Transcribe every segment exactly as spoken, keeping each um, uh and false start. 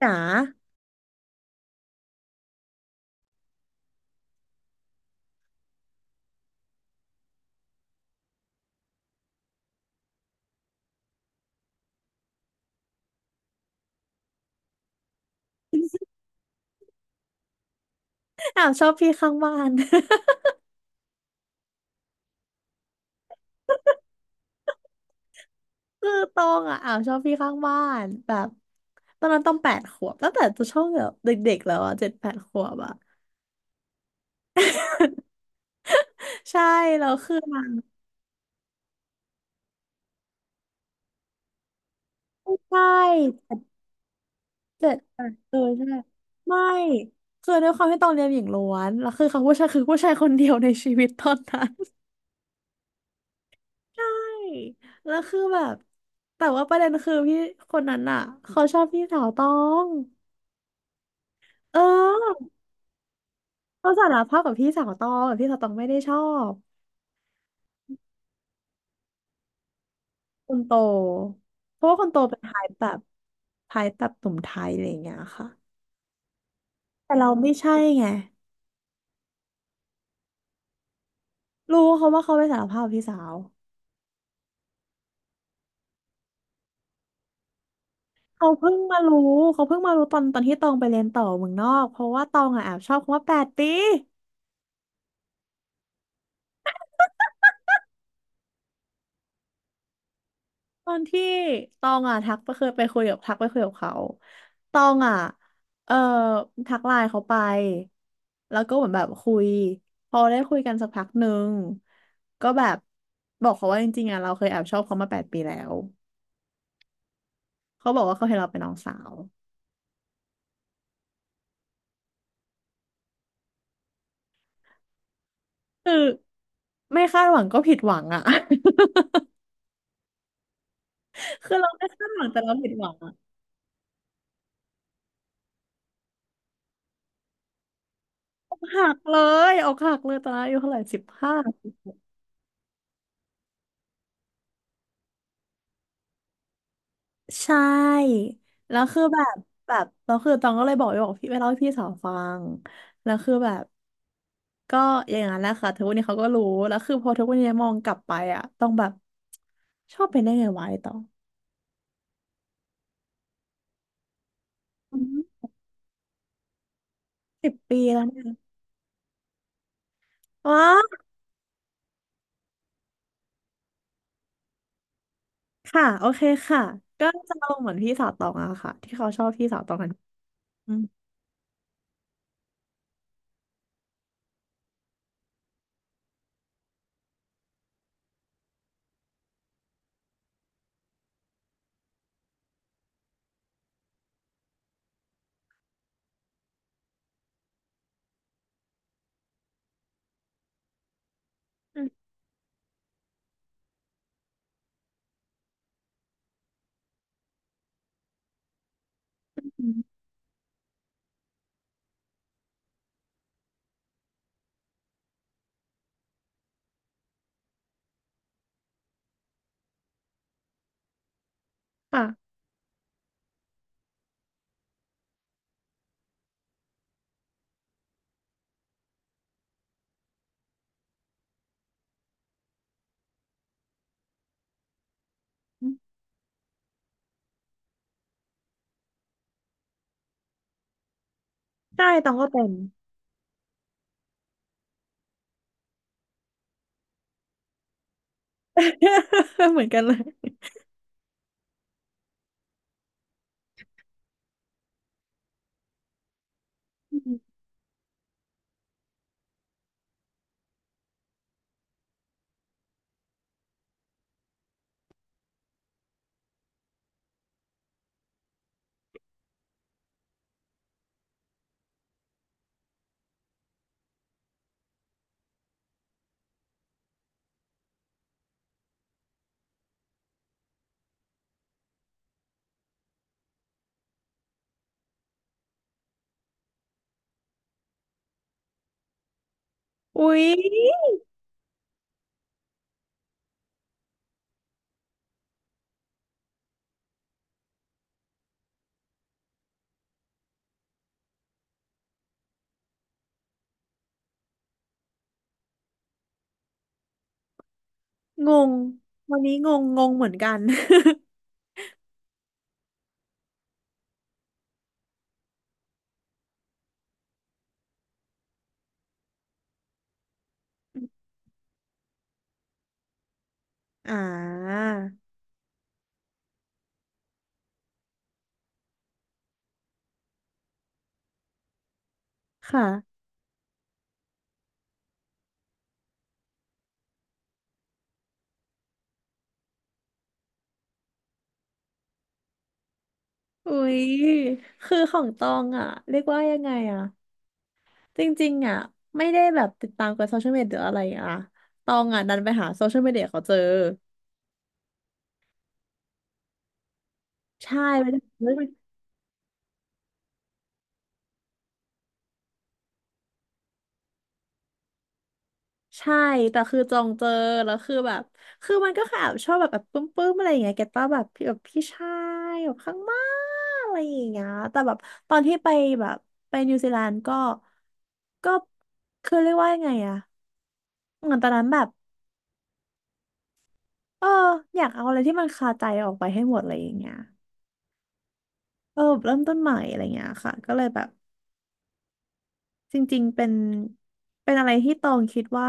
จ๋า อาวชอบพี่ข้างบ้าน คือตองอ่ะอาวชอบพี่ข้างบ้านแบบตอนนั้นต้องแปดขวบตั้งแต่ตัวช่วงแบบเด็กๆแล้วอ่ะเจ็ดแปดขวบอ่ะใช่แล้วคือใช่เจ็ดแปดเออใช่ไม่คือด้วยความที่ตองเรียนหญิงล้วนแล้วคือเขาผู้ชายคือผู้ชายคนเดียวในชีวิตตอนนั้น ใช่แล้วคือแบบแต่ว่าประเด็นคือพี่คนนั้นอ่ะเขาชอบพี่สาวตองเออเขาสารภาพกับพี่สาวตองแต่พี่สาวตองไม่ได้ชอบ คนโตเพราะว่าคนโตเป็นไทป์แบบไทป์แบบหนุ่มไทยอะไรอย่างเงี้ยค่ะแต่เราไม่ใช่ไงรู้เขาว่าเขาไปสารภาพกับพี่สาวเขาเพิ่งมารู้เขาเพิ่งมารู้ตอนตอนที่ตองไปเรียนต่อเมืองนอกเพราะว่าตองอ่ะแอบชอบคำว่าแปดปี ตอนที่ตองอ่ะทักไปเคยไปคุยกับทักไปคุยกับเขาตองอ่ะเอ่อทักไลน์เขาไปแล้วก็เหมือนแบบคุยพอได้คุยกันสักพักหนึ่งก็แบบบอกเขาว่าจริงๆอ่ะเราเคยแอบชอบเขามาแปดปีแล้วเขาบอกว่าเขาเห็นเราเป็นน้องสาวคือไม่คาดหวังก็ผิดหวังอ่ะ คือเราไม่คาดหวังแต่เราผิดหวังอ่ะหักเลยอกหักเลยตอนนั้นอายุเท่าไหร่สิบห้า ใช่ แล้วคือแบบแบบแล้วคือตองก็เลยบอกไปบอกพี่ไปเล่าให้พี่สาวฟังแล้วคือแบบก็อย่างนั้นแหละค่ะทุกวันนี้เขาก็รู้แล้วคือพอทุกวันนี้มองกลับไปอะต้องแบบชอบเป็นได้ไงวะไอ้ตองอืมสิบปีแล้วเนี่ยว้าค่ะโอเคค่ะก็จะลงเหมือนพี่สาวตองอะค่ะที่เขาชอบพี่สาวตองกันอืมอืมอืมค่ะใช่ตองก็เป็น เหมือนกันเลยอุ๊ย งงวันนี้งงงงเหมือนกัน อ่าค่ะอุ๊ยคือของตองอ่ะเรียกว่ายังไงอ่ะจริงๆอ่ะไม่ได้แบบติดตามกับโซเชียลมีเดียหรืออะไรอ่ะตองอ่ะดันไปหาโซเชียลมีเดียเขาเจอใช่ไปหา ใช่ แต่คือจองเจอ แล้วคือแบบ คือมันก็คอบชอบแบบแบบปื้มๆอะไรอย่างเงี้ยแกต้าแบบพี่แบบพี่ชายแบบข้างมากอะไรอย่างเงี้ยแต่แบบตอนที่ไปแบบไปนิวซีแลนด์ก็ก็คือเรียกว่ายังไงอะเหมือนตอนนั้นแบบเอออยากเอาอะไรที่มันคาใจออกไปให้หมดอะไรอย่างเงี้ยเออแบบเริ่มต้นใหม่อะไรอย่างเงี้ยค่ะก็เลยแบบจริงๆเป็นเป็นอะไรที่ตองคิดว่า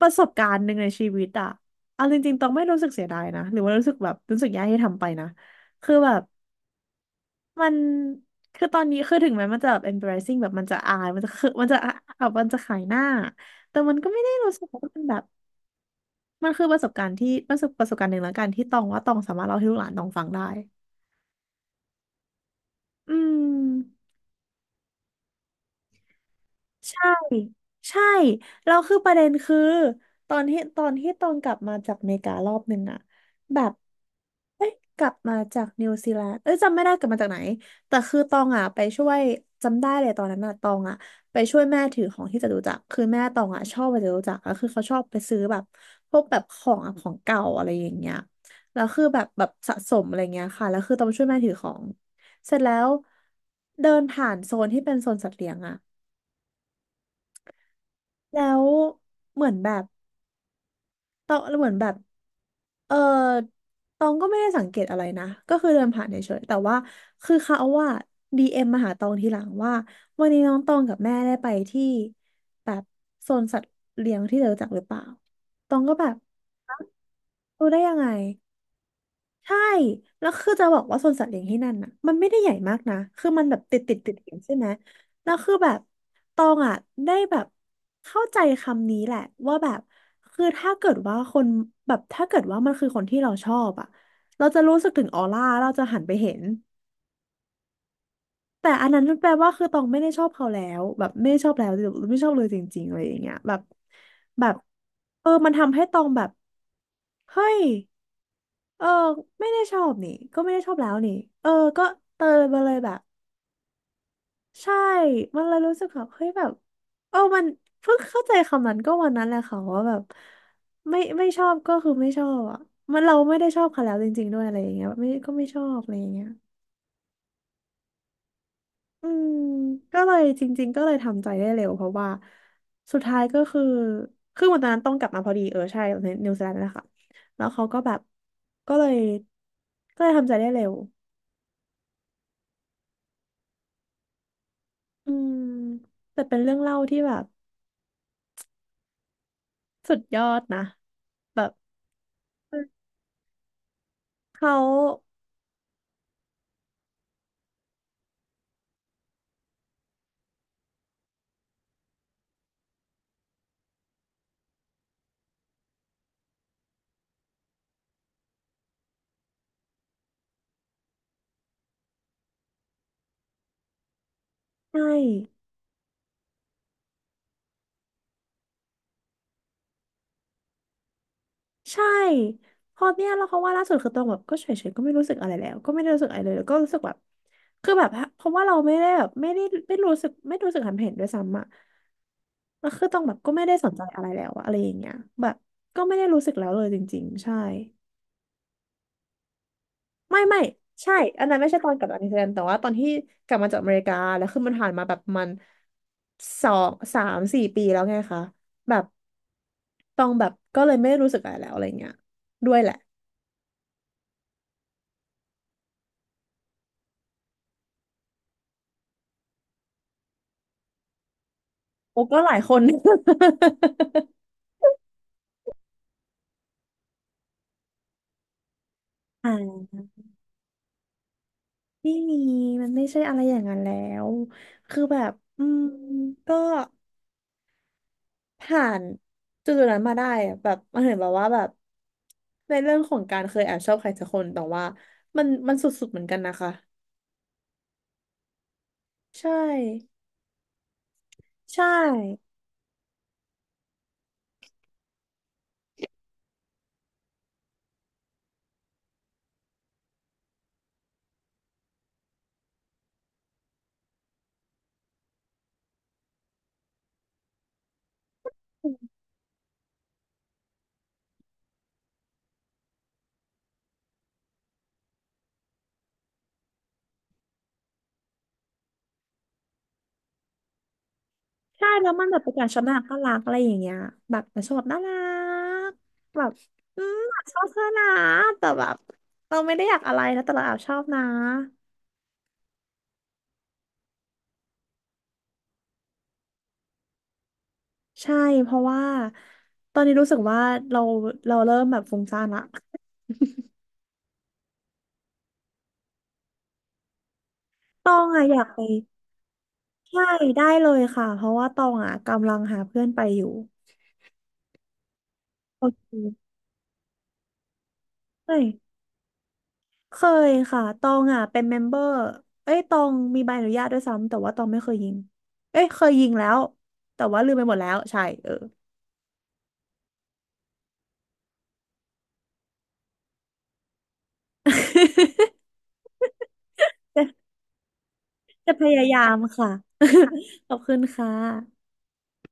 ประสบการณ์หนึ่งในชีวิตอะเอาจริงๆต้องไม่รู้สึกเสียดายนะหรือว่ารู้สึกแบบรู้สึกแย่ที่ทำไปนะคือแบบมันคือตอนนี้คือถึงแม้มันจะแบบ embarrassing แบบมันจะอายมันจะคือมันจะแบบมันจะขายหน้า แต่มันก็ไม่ได้รู้สึกว่ามันแบบมันคือประสบการณ์ที่ประสบประสบการณ์หนึ่งแล้วกันที่ตองว่าตองสามารถเล่าให้ลูกหลานตองฟังได้อืม ใช่ใช่แล้วคือประเด็นคือตอนที่ตอนที่ตองกลับมาจากอเมริการอบหนึ่งอะแบบเอ้ยกลับมาจากนิวซีแลนด์เอ้ยจำไม่ได้กลับมาจากไหนแต่คือตองอะไปช่วยจำได้เลยตอนนั้นอะตองอะไปช่วยแม่ถือของที่จตุจักรคือแม่ตองอะชอบไปจตุจักรแล้วคือเขาชอบไปซื้อแบบพวกแบบของอะของเก่าอะไรอย่างเงี้ยแล้วคือแบบแบบสะสมอะไรเงี้ยค่ะแล้วคือตองไปช่วยแม่ถือของเสร็จแล้วเดินผ่านโซนที่เป็นโซนสัตว์เลี้ยงอะ แล้วเหมือนแบบตองเหมือนแบบเออตองก็ไม่ได้สังเกตอะไรนะก็คือเดินผ่านเฉยๆแต่ว่าคือเขาว่าดีเอ็มมาหาตองทีหลังว่าวันนี้น้องตองกับแม่ได้ไปที่แบบโซนสัตว์เลี้ยงที่เธอรู้จักหรือเปล่าตองก็แบบรู้ได้ยังไง ใช่แล้วคือจะบอกว่าสวนสัตว์เลี้ยงที่นั่นน่ะมันไม่ได้ใหญ่มากนะคือมันแบบติดติดติดกันใช่ไหมแล้วคือแบบตองอ่ะได้แบบเข้าใจคำนี้แหละว่าแบบคือถ้าเกิดว่าคนแบบถ้าเกิดว่ามันคือคนที่เราชอบอ่ะเราจะรู้สึกถึงออร่าเราจะหันไปเห็นแต่อันนั้นมันแปลว่าคือตองไม่ได้ชอบเขาแล้วแบบไม่ได้ชอบแล้วหรือไม่ชอบเลยจริงๆอะไรอย่างเงี้ยแบบแบบเออมันทำให้ตองแบบเฮ้ย เออไม่ได้ชอบนี่ก็ไม่ได้ชอบแล้วนี่เออก็เตยมาเลยแบบใช่มันเลยรู้สึกแบบเฮ้ยแบบเออมันเพิ่งเข้าใจคำนั้นก็วันนั้นแหละค่ะว่าแบบไม่ไม่ชอบก็คือไม่ชอบอ่ะมันเราไม่ได้ชอบเขาแล้วจริงๆด้วยอะไรอย่างเงี้ยแบบไม่ก็ไม่ชอบอะไรอย่างเงี้ยอืมก็เลยจริงๆก็เลยทำใจได้เร็วเพราะว่าสุดท้ายก็คือคือวันนั้นต้องกลับมาพอดีเออใช่ในนิวซีแลนด์นั่นแหละค่ะแล้วเขาก็แบบก็เลยก็เลยทำใจได้เร็ว อืมแต่เป็นเรื่องเล่าที่แบบสุดยอดนะแบบเขาใช่ใช่พอเนี่ยแล้วเขาว่าล่าสุดคือตองแบบก็เฉยๆก็ไม่รู้สึกอะไรแล้วก็ไม่ได้รู้สึกอะไรเลยแล้วก็รู้สึกแบบคือแบบเพราะว่าเราไม่ได้แบบไม่ได้ไม่รู้สึกไม่รู้สึกหันเห็นด้วยซ้ำอะแล้วคือตองแบบก็ไม่ได้สนใจอะไรแล้วอะอะไรอย่างเงี้ยแบบก็ไม่ได้รู้สึกแล้วเลยจริงๆใช่ ไม่ไม่ใช่อันนั้นไม่ใช่ตอนกลับจากนิวซีแลนด์แต่ว่าตอนที่กลับมาจากอเมริกาแล้วคือมันผ่านมาแบบประมันสองสามสี่ปีแล้วไงคะแบบตองแบบก็เลยไม่รู้สึกอะไรแล้วอะไรเงี้ยด้วยแหละโอ้ก็หลายคน อ่าไม่มีมันไม่ใช่อะไรอย่างนั้นแล้วคือแบบอืมก็ผ่านจุดๆนั้นมาได้อะแบบมันเห็นแบบว่าแบบในเรื่องของการเคยแอบชอบใครสักคนแต่ว่ามันมันสุดๆเหมือนกันนะคะ ใช่ใช่ใช่แล้วมันแบบเป็นการชอบน่ารักน่ารักอะไรอย่างเงี้ยแบบมันชอบแบบน่ารักแบบอืมชอบเธอนะแต่แบบเราไม่ได้อยากอะไรนะแต่เราแอบชอบนะใช่เพราะว่าตอนนี้รู้สึกว่าเราเราเริ่มแบบฟุ้งซ่านละตองอะอยากไปใช่ได้เลยค่ะเพราะว่าตองอะกำลังหาเพื่อนไปอยู่โอเค เคยค่ะตองอ่ะเป็นเมมเบอร์เอ้ยตองมีใบอนุญาตด้วยซ้ำ แต่ว่าตองไม่เคยยิงเอ้ยเคยยิงแล้ว แต่ว่าลืมไปหมดแล้วใช่เออ จะพยายามค่ะ ขอบคุณค่ะ